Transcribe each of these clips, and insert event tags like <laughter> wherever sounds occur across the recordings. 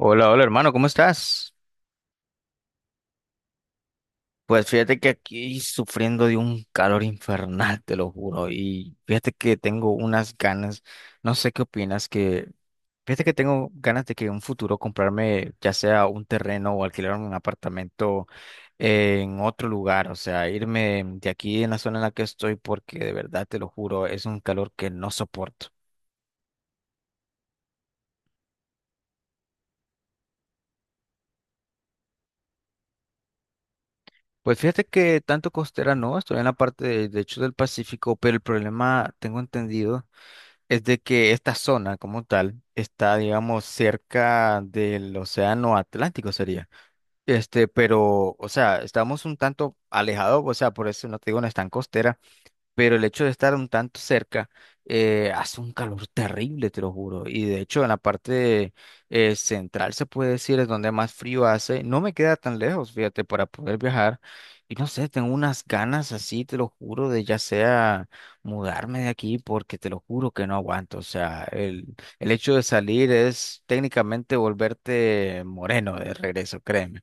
Hola, hola hermano, ¿cómo estás? Pues fíjate que aquí sufriendo de un calor infernal, te lo juro, y fíjate que tengo unas ganas, no sé qué opinas, que fíjate que tengo ganas de que en un futuro comprarme ya sea un terreno o alquilar un apartamento en otro lugar, o sea, irme de aquí en la zona en la que estoy porque de verdad te lo juro, es un calor que no soporto. Pues fíjate que tanto costera no, estoy en la parte de hecho del Pacífico, pero el problema tengo entendido es de que esta zona como tal está, digamos, cerca del océano Atlántico sería. Este, pero, o sea, estamos un tanto alejados, o sea, por eso no te digo, no es tan costera pero el hecho de estar un tanto cerca hace un calor terrible, te lo juro. Y de hecho, en la parte central se puede decir es donde más frío hace. No me queda tan lejos, fíjate, para poder viajar. Y no sé, tengo unas ganas así, te lo juro, de ya sea mudarme de aquí, porque te lo juro que no aguanto. O sea, el hecho de salir es técnicamente volverte moreno de regreso, créeme.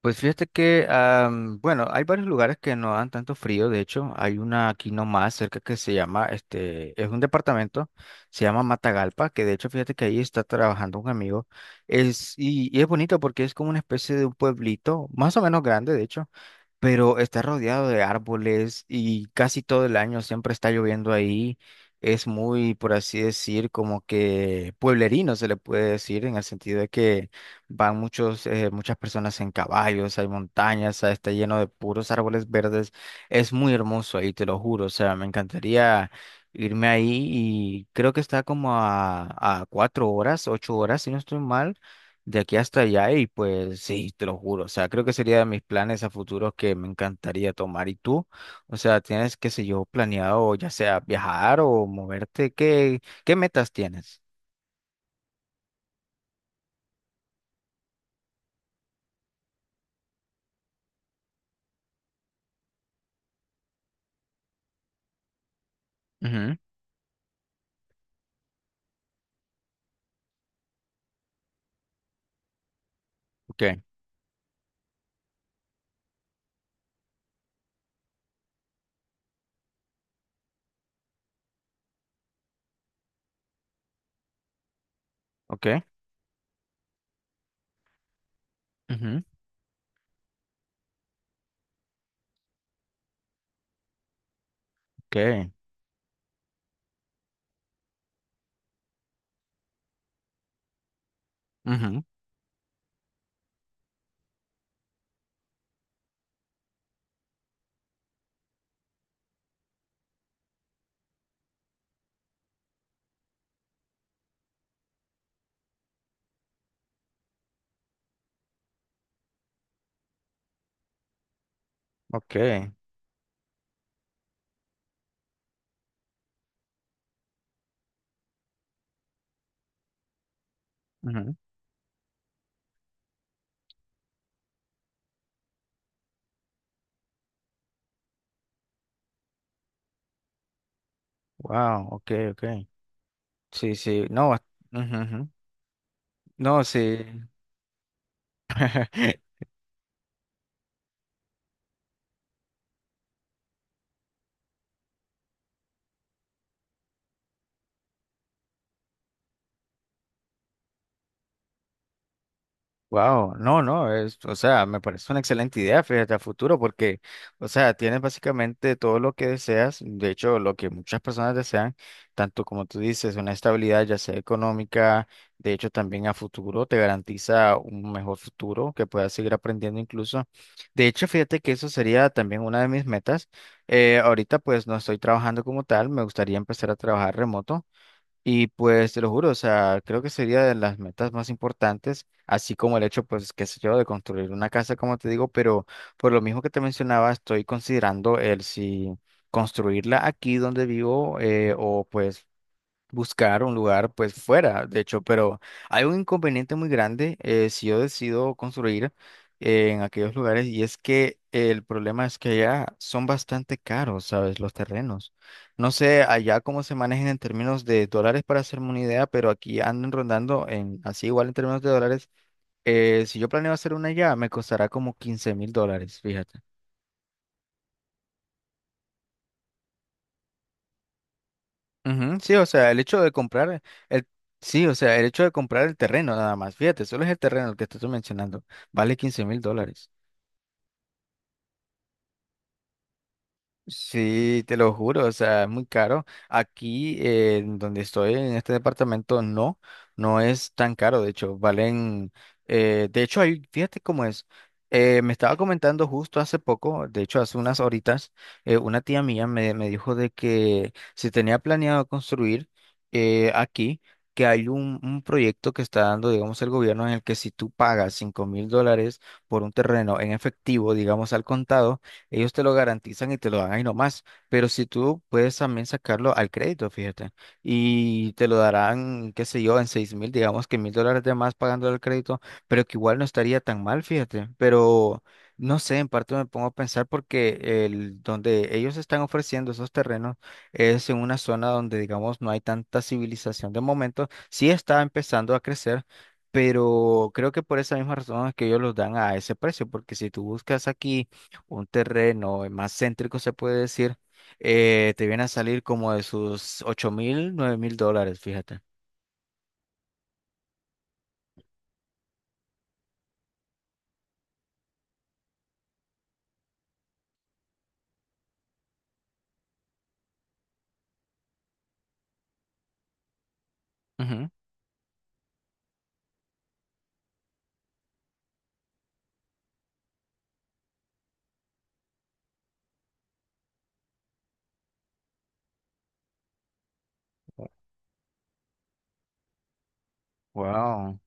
Pues fíjate que, bueno, hay varios lugares que no dan tanto frío. De hecho, hay una aquí nomás cerca que se llama, este, es un departamento, se llama Matagalpa, que de hecho, fíjate que ahí está trabajando un amigo. Y es bonito porque es como una especie de un pueblito, más o menos grande, de hecho, pero está rodeado de árboles y casi todo el año siempre está lloviendo ahí. Es muy, por así decir, como que pueblerino se le puede decir en el sentido de que van muchas personas en caballos, hay montañas, ah, está lleno de puros árboles verdes. Es muy hermoso ahí, te lo juro. O sea, me encantaría irme ahí y creo que está como a 4 horas, 8 horas, si no estoy mal, de aquí hasta allá. Y pues sí, te lo juro. O sea, creo que sería de mis planes a futuro que me encantaría tomar. ¿Y tú? O sea, ¿tienes, qué sé yo, planeado ya sea viajar o moverte? ¿Qué metas tienes? Ujú. Ok, ok, ujú, ok. Ujú, ok, ujú. Wow, ok, ok. Sí, sí, no, ujú, ujú. No, sí. <laughs> Wow, no, no, es, o sea, me parece una excelente idea, fíjate, a futuro, porque, o sea, tienes básicamente todo lo que deseas, de hecho, lo que muchas personas desean, tanto como tú dices, una estabilidad ya sea económica, de hecho, también a futuro te garantiza un mejor futuro, que puedas seguir aprendiendo incluso. De hecho, fíjate que eso sería también una de mis metas. Ahorita, pues, no estoy trabajando como tal, me gustaría empezar a trabajar remoto. Y pues te lo juro, o sea, creo que sería de las metas más importantes, así como el hecho, pues, qué sé yo, de construir una casa, como te digo, pero por lo mismo que te mencionaba, estoy considerando el si construirla aquí donde vivo o pues buscar un lugar pues fuera, de hecho, pero hay un inconveniente muy grande si yo decido construir en aquellos lugares y es que el problema es que allá son bastante caros, ¿sabes? Los terrenos. No sé allá cómo se manejan en términos de dólares para hacerme una idea, pero aquí andan rondando en así igual en términos de dólares. Si yo planeo hacer una allá, me costará como $15.000, fíjate. Ujú. Sí, o sea, el hecho de comprar el, sí, o sea, el hecho de comprar el terreno nada más, fíjate, solo es el terreno el que te estoy mencionando, vale $15.000. Sí, te lo juro, o sea, es muy caro. Aquí, en donde estoy, en este departamento, no, no es tan caro, de hecho, valen, de hecho, ahí, fíjate cómo es. Me estaba comentando justo hace poco, de hecho, hace unas horitas, una tía mía me dijo de que se tenía planeado construir aquí, que hay un proyecto que está dando, digamos, el gobierno en el que si tú pagas $5.000 por un terreno en efectivo, digamos, al contado, ellos te lo garantizan y te lo dan ahí nomás, pero si tú puedes también sacarlo al crédito, fíjate, y te lo darán, qué sé yo, en 6.000, digamos que $1.000 de más pagando el crédito, pero que igual no estaría tan mal, fíjate, pero no sé, en parte me pongo a pensar porque el, donde ellos están ofreciendo esos terrenos es en una zona donde, digamos, no hay tanta civilización de momento, sí está empezando a crecer. Pero creo que por esa misma razón es que ellos los dan a ese precio, porque si tú buscas aquí un terreno más céntrico, se puede decir, te viene a salir como de sus 8.000, $9.000, fíjate. Wow.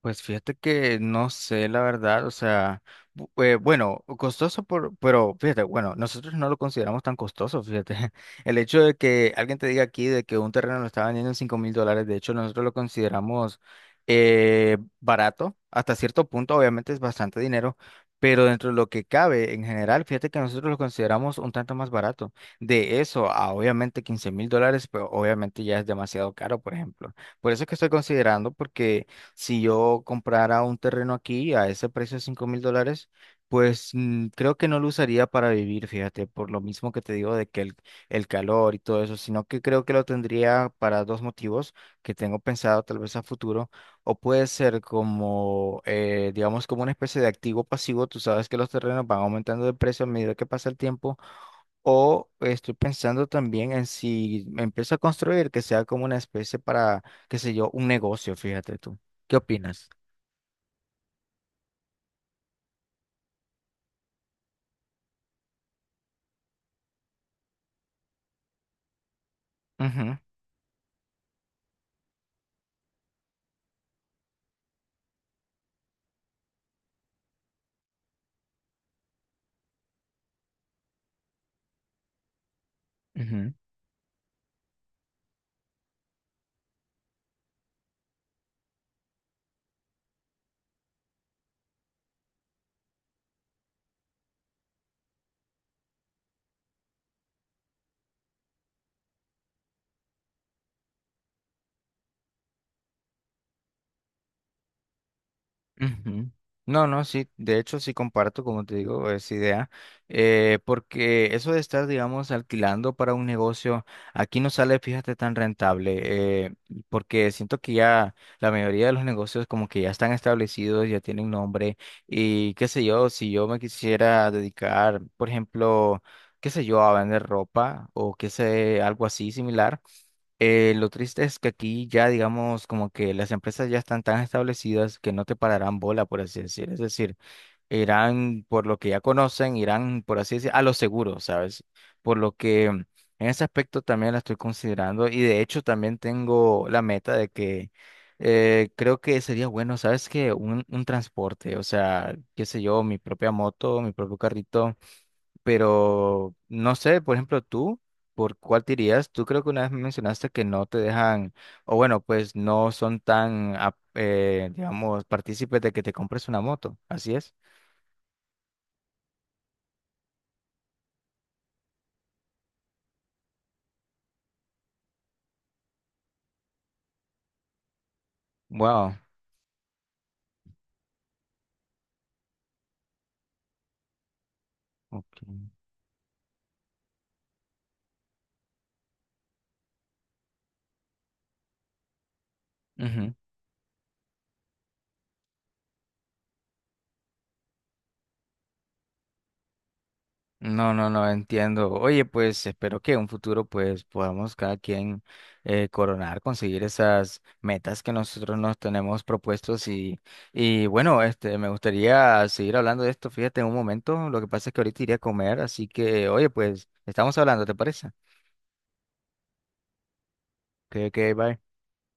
Pues fíjate que no sé la verdad, o sea, bueno, costoso por, pero fíjate, bueno, nosotros no lo consideramos tan costoso, fíjate. <laughs> El hecho de que alguien te diga aquí de que un terreno lo está vendiendo en $5.000, de hecho nosotros lo consideramos barato, hasta cierto punto obviamente es bastante dinero, pero dentro de lo que cabe en general, fíjate que nosotros lo consideramos un tanto más barato. De eso a obviamente $15.000, pero obviamente ya es demasiado caro, por ejemplo. Por eso es que estoy considerando porque... Si yo comprara un terreno aquí a ese precio de $5.000, pues creo que no lo usaría para vivir, fíjate, por lo mismo que te digo de que el calor y todo eso, sino que creo que lo tendría para dos motivos que tengo pensado tal vez a futuro, o puede ser como, digamos, como una especie de activo pasivo, tú sabes que los terrenos van aumentando de precio a medida que pasa el tiempo, o estoy pensando también en si me empiezo a construir que sea como una especie para, qué sé yo, un negocio, fíjate tú. ¿Qué opinas? Ujú, ujú. Ujú. No, no, sí, de hecho sí comparto, como te digo, esa idea, porque eso de estar, digamos, alquilando para un negocio, aquí no sale, fíjate, tan rentable, porque siento que ya la mayoría de los negocios como que ya están establecidos, ya tienen nombre, y qué sé yo, si yo me quisiera dedicar, por ejemplo, qué sé yo, a vender ropa o qué sé, algo así similar. Lo triste es que aquí ya, digamos, como que las empresas ya están tan establecidas que no te pararán bola, por así decir. Es decir, irán por lo que ya conocen, irán, por así decir, a lo seguro, ¿sabes? Por lo que en ese aspecto también la estoy considerando y de hecho también tengo la meta de que creo que sería bueno, ¿sabes? Que un transporte, o sea, qué sé yo, mi propia moto, mi propio carrito. Pero no sé, por ejemplo, tú, ¿por cuál te irías? Tú creo que una vez me mencionaste que no te dejan, o bueno, pues no son tan, digamos, partícipes de que te compres una moto. Así es. Wow. Ok. No, no, no entiendo. Oye, pues espero que en un futuro pues podamos cada quien coronar, conseguir esas metas que nosotros nos tenemos propuestos y bueno, este, me gustaría seguir hablando de esto, fíjate, en un momento, lo que pasa es que ahorita iré a comer, así que oye, pues estamos hablando, ¿te parece? Bye.